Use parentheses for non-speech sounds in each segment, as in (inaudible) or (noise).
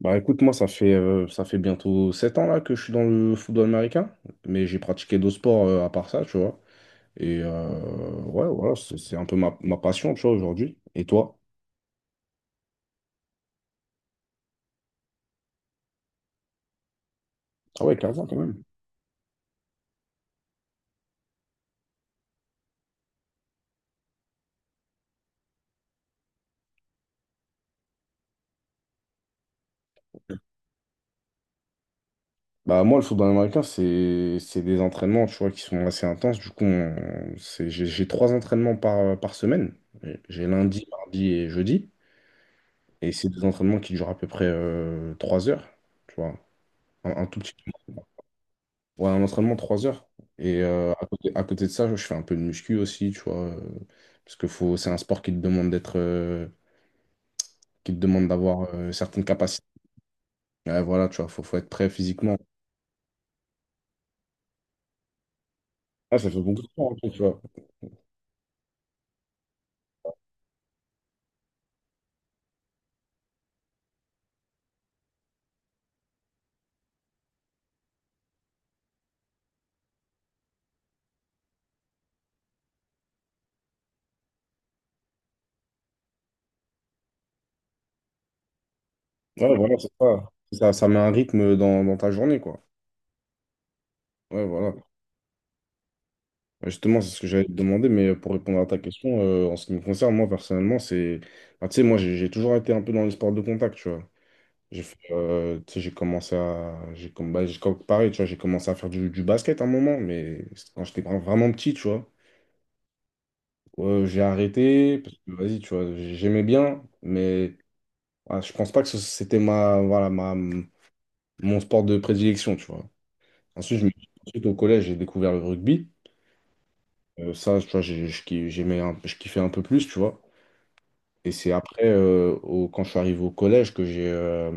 Bah écoute, moi ça fait bientôt 7 ans là que je suis dans le football américain, mais j'ai pratiqué d'autres sports à part ça, tu vois. Et ouais, voilà, c'est un peu ma passion, tu vois, aujourd'hui. Et toi? Ah ouais, 15 ans quand même. Bah moi, le football américain, c'est des entraînements, tu vois, qui sont assez intenses. Du coup, j'ai 3 entraînements par semaine. J'ai lundi, mardi et jeudi. Et c'est des entraînements qui durent à peu près 3 heures, tu vois. Un tout petit peu. Ouais, un entraînement, 3 heures. À côté de ça, je fais un peu de muscu aussi, tu vois. Parce que faut, c'est un sport qui te demande d'avoir certaines capacités. Ouais, voilà, tu vois, faut être prêt physiquement. Ah, ça fait beaucoup de temps, tu vois. Ouais, voilà, c'est ça. Ça met un rythme dans ta journée, quoi. Ouais, voilà. Ouais, justement, c'est ce que j'allais te demander, mais pour répondre à ta question, en ce qui me concerne, moi, personnellement, c'est. Bah, tu sais, moi, j'ai toujours été un peu dans les sports de contact, tu vois. J'ai fait, tu sais, j'ai commencé à. J'ai, comm- bah, j'ai comm- pareil, tu vois, j'ai commencé à faire du basket à un moment, mais c'était quand j'étais vraiment petit, tu vois. J'ai arrêté, parce que vas-y, tu vois, j'aimais bien, mais voilà, je pense pas que c'était mon sport de prédilection, tu vois. Ensuite, je me- ensuite, au collège, j'ai découvert le rugby. Ça, tu vois, je kiffais un peu plus, tu vois. Et c'est après, quand je suis arrivé au collège, que j'ai euh,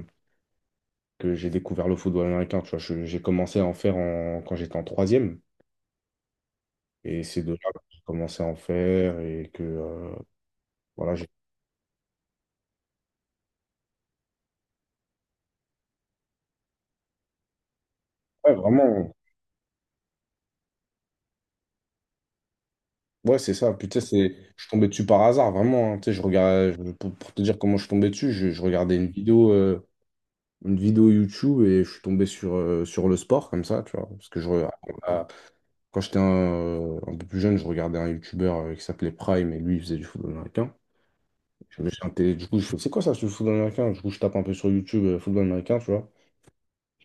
que j'ai découvert le football américain, tu vois. J'ai commencé à en faire quand j'étais en troisième. Et c'est de là que j'ai commencé à en faire et que voilà, j'ai ouais, vraiment. Ouais, c'est ça. Putain, c'est je suis tombé dessus par hasard, vraiment, hein. Tu sais, je regardais pour te dire comment je suis tombé dessus, je regardais une vidéo YouTube et je suis tombé sur le sport comme ça, tu vois, parce que à- quand j'étais un peu plus jeune, je regardais un YouTuber qui s'appelait Prime et lui il faisait du football américain. Je me suis intéressé, du coup, je fais, c'est quoi ça, ce football américain? Du coup, je tape un peu sur YouTube, football américain, tu vois.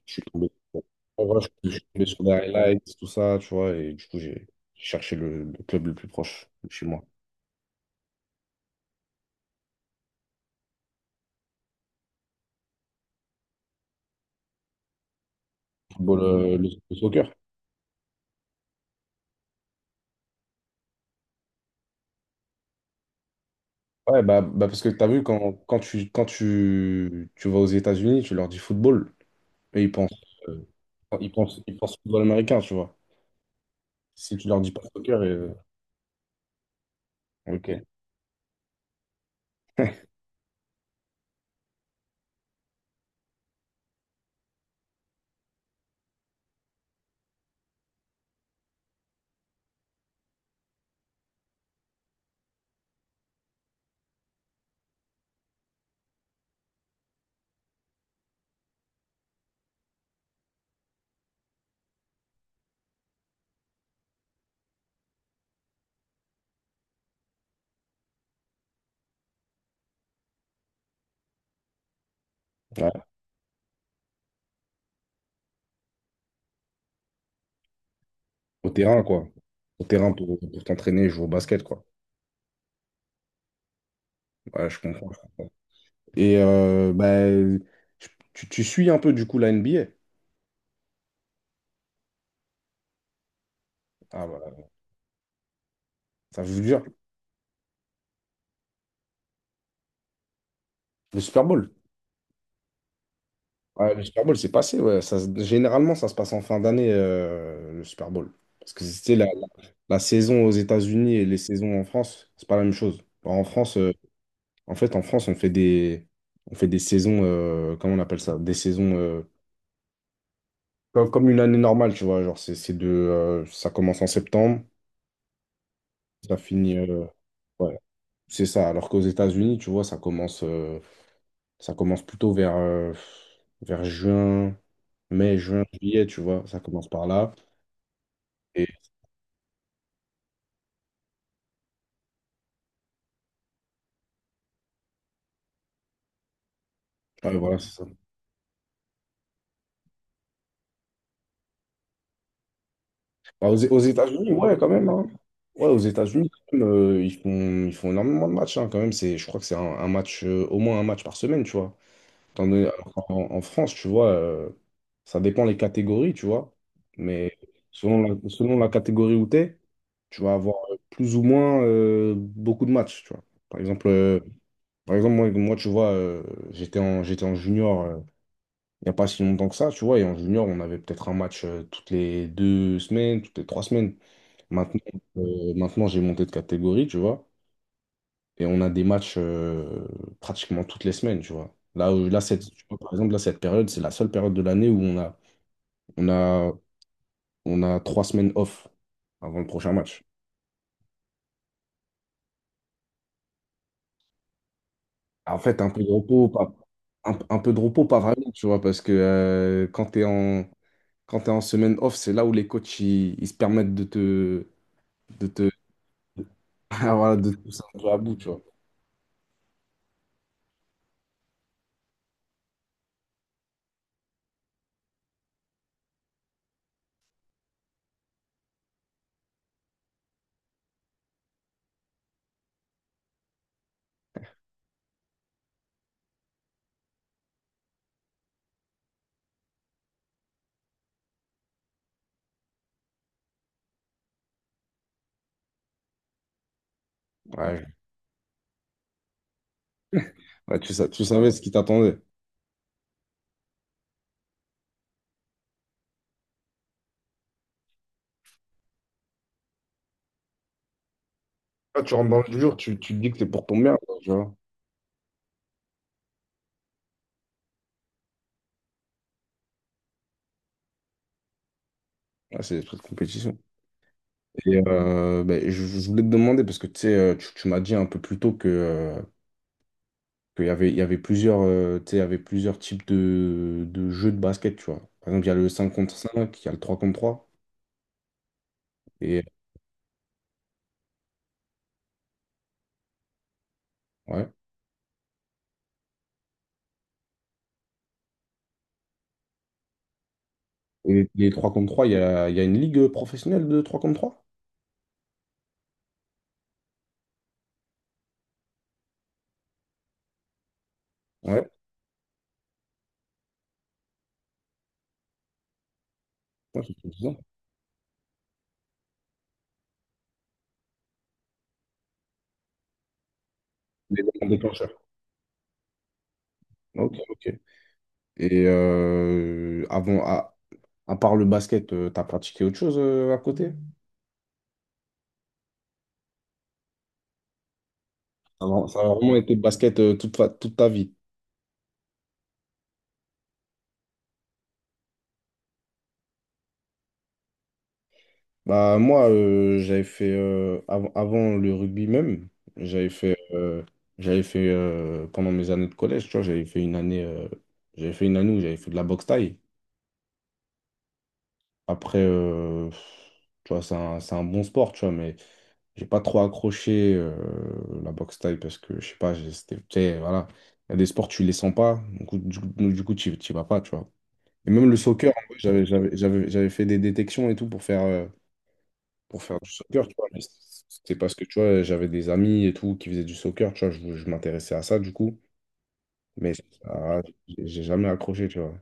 Je suis tombé. Bon, en vrai, je suis tombé sur des highlights, tout ça, tu vois, et du coup, j'ai cherché le club le plus proche de chez moi. Football, le soccer. Ouais, bah parce que t'as vu, quand tu vas aux États-Unis, tu leur dis football, et euh, ils pensent football américain, tu vois. Si tu leur dis pas soccer, ok. (laughs) Ouais, au terrain, quoi. Au terrain pour t'entraîner et jouer au basket, quoi. Ouais, je comprends. Bah, tu suis un peu, du coup, la NBA? Ah, voilà. Ça, je vous jure, le Super Bowl. Ouais, le Super Bowl, c'est passé. Ouais. Ça, généralement, ça se passe en fin d'année, le Super Bowl. Parce que c'était la saison aux États-Unis et les saisons en France, c'est pas la même chose. Enfin, en France, on fait des saisons, comment on appelle ça? Des saisons comme une année normale, tu vois. Genre, c'est ça commence en septembre, ça finit. Ouais, c'est ça. Alors qu'aux États-Unis, tu vois, Ça commence plutôt vers juin, mai, juin, juillet, tu vois. Ça commence par là. Et ouais, voilà, c'est ça. Bah, aux États-Unis, ouais, quand même, hein. Ouais, aux États-Unis, quand même, ils font énormément de matchs, hein, quand même, c'est, je crois que c'est au moins un match par semaine, tu vois. Alors en France, tu vois, ça dépend les catégories, tu vois. Mais selon la catégorie où tu es, tu vas avoir plus ou moins beaucoup de matchs, tu vois. Par exemple, euh, Par exemple, moi, moi tu vois, j'étais en junior il n'y a pas si longtemps que ça, tu vois, et en junior, on avait peut-être un match toutes les 2 semaines, toutes les 3 semaines. Maintenant, maintenant, j'ai monté de catégorie, tu vois, et on a des matchs pratiquement toutes les semaines, tu vois. Là, là cette, tu vois, par exemple, là, cette période, c'est la seule période de l'année où on a, on a 3 semaines off avant le prochain match. En fait, un peu de repos, pas vraiment, tu vois, parce que quand tu es en semaine off, c'est là où les coachs ils se permettent de te, de te, (laughs) Ah, voilà, de te pousser un peu à bout, tu vois. Ouais, ouais, tu savais ce qui t'attendait. Là, tu rentres dans le dur, tu te dis que t'es pour ton bien, quoi, tu vois. Là, c'est des trucs de compétition. Ben, je voulais te demander, parce que tu sais, tu m'as dit un peu plus tôt que, il y avait plusieurs types de jeux de basket, tu vois. Par exemple, il y a le 5 contre 5, il y a le 3 contre 3. Et ouais. Et les 3 contre 3, il y a une ligue professionnelle de 3 contre 3? Ouais, c'est suffisant. Les éléments déclencheurs. Ok, ok. Avant, à part le basket, t'as pratiqué autre chose à côté? Ça a vraiment été basket toute ta vie. Bah, moi, j'avais fait, avant le rugby même, j'avais fait, euh, j'avais fait pendant mes années de collège, tu vois, j'avais fait une année, j'avais fait une année où j'avais fait de la boxe taille. Après, tu vois, c'est un bon sport, tu vois, mais j'ai pas trop accroché la boxe thaï parce que, je sais pas, c'était, tu sais, voilà. Il y a des sports, tu les sens pas, du coup, tu y vas pas, tu vois. Et même le soccer, en vrai, j'avais fait des détections et tout pour faire du soccer, tu vois. Mais c'était parce que, tu vois, j'avais des amis et tout qui faisaient du soccer, tu vois, je m'intéressais à ça, du coup. Mais ah, j'ai jamais accroché, tu vois.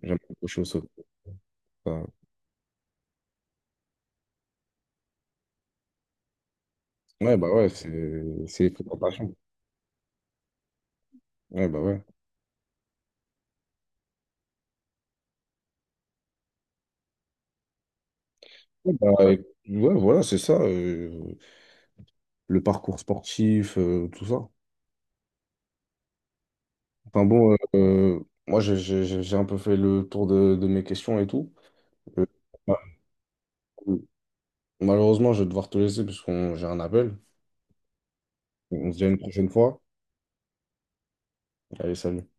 J'ai jamais accroché au soccer. Enfin, ouais, bah ouais, c'est les présentations. Ouais, bah ouais. Ouais, bah, ouais, voilà, c'est ça, le parcours sportif, tout ça. Enfin bon, moi j'ai un peu fait le tour de mes questions et tout. Euh, bah, malheureusement, je vais devoir te laisser parce qu'on j'ai un appel. On se dit à une prochaine fois. Allez, salut.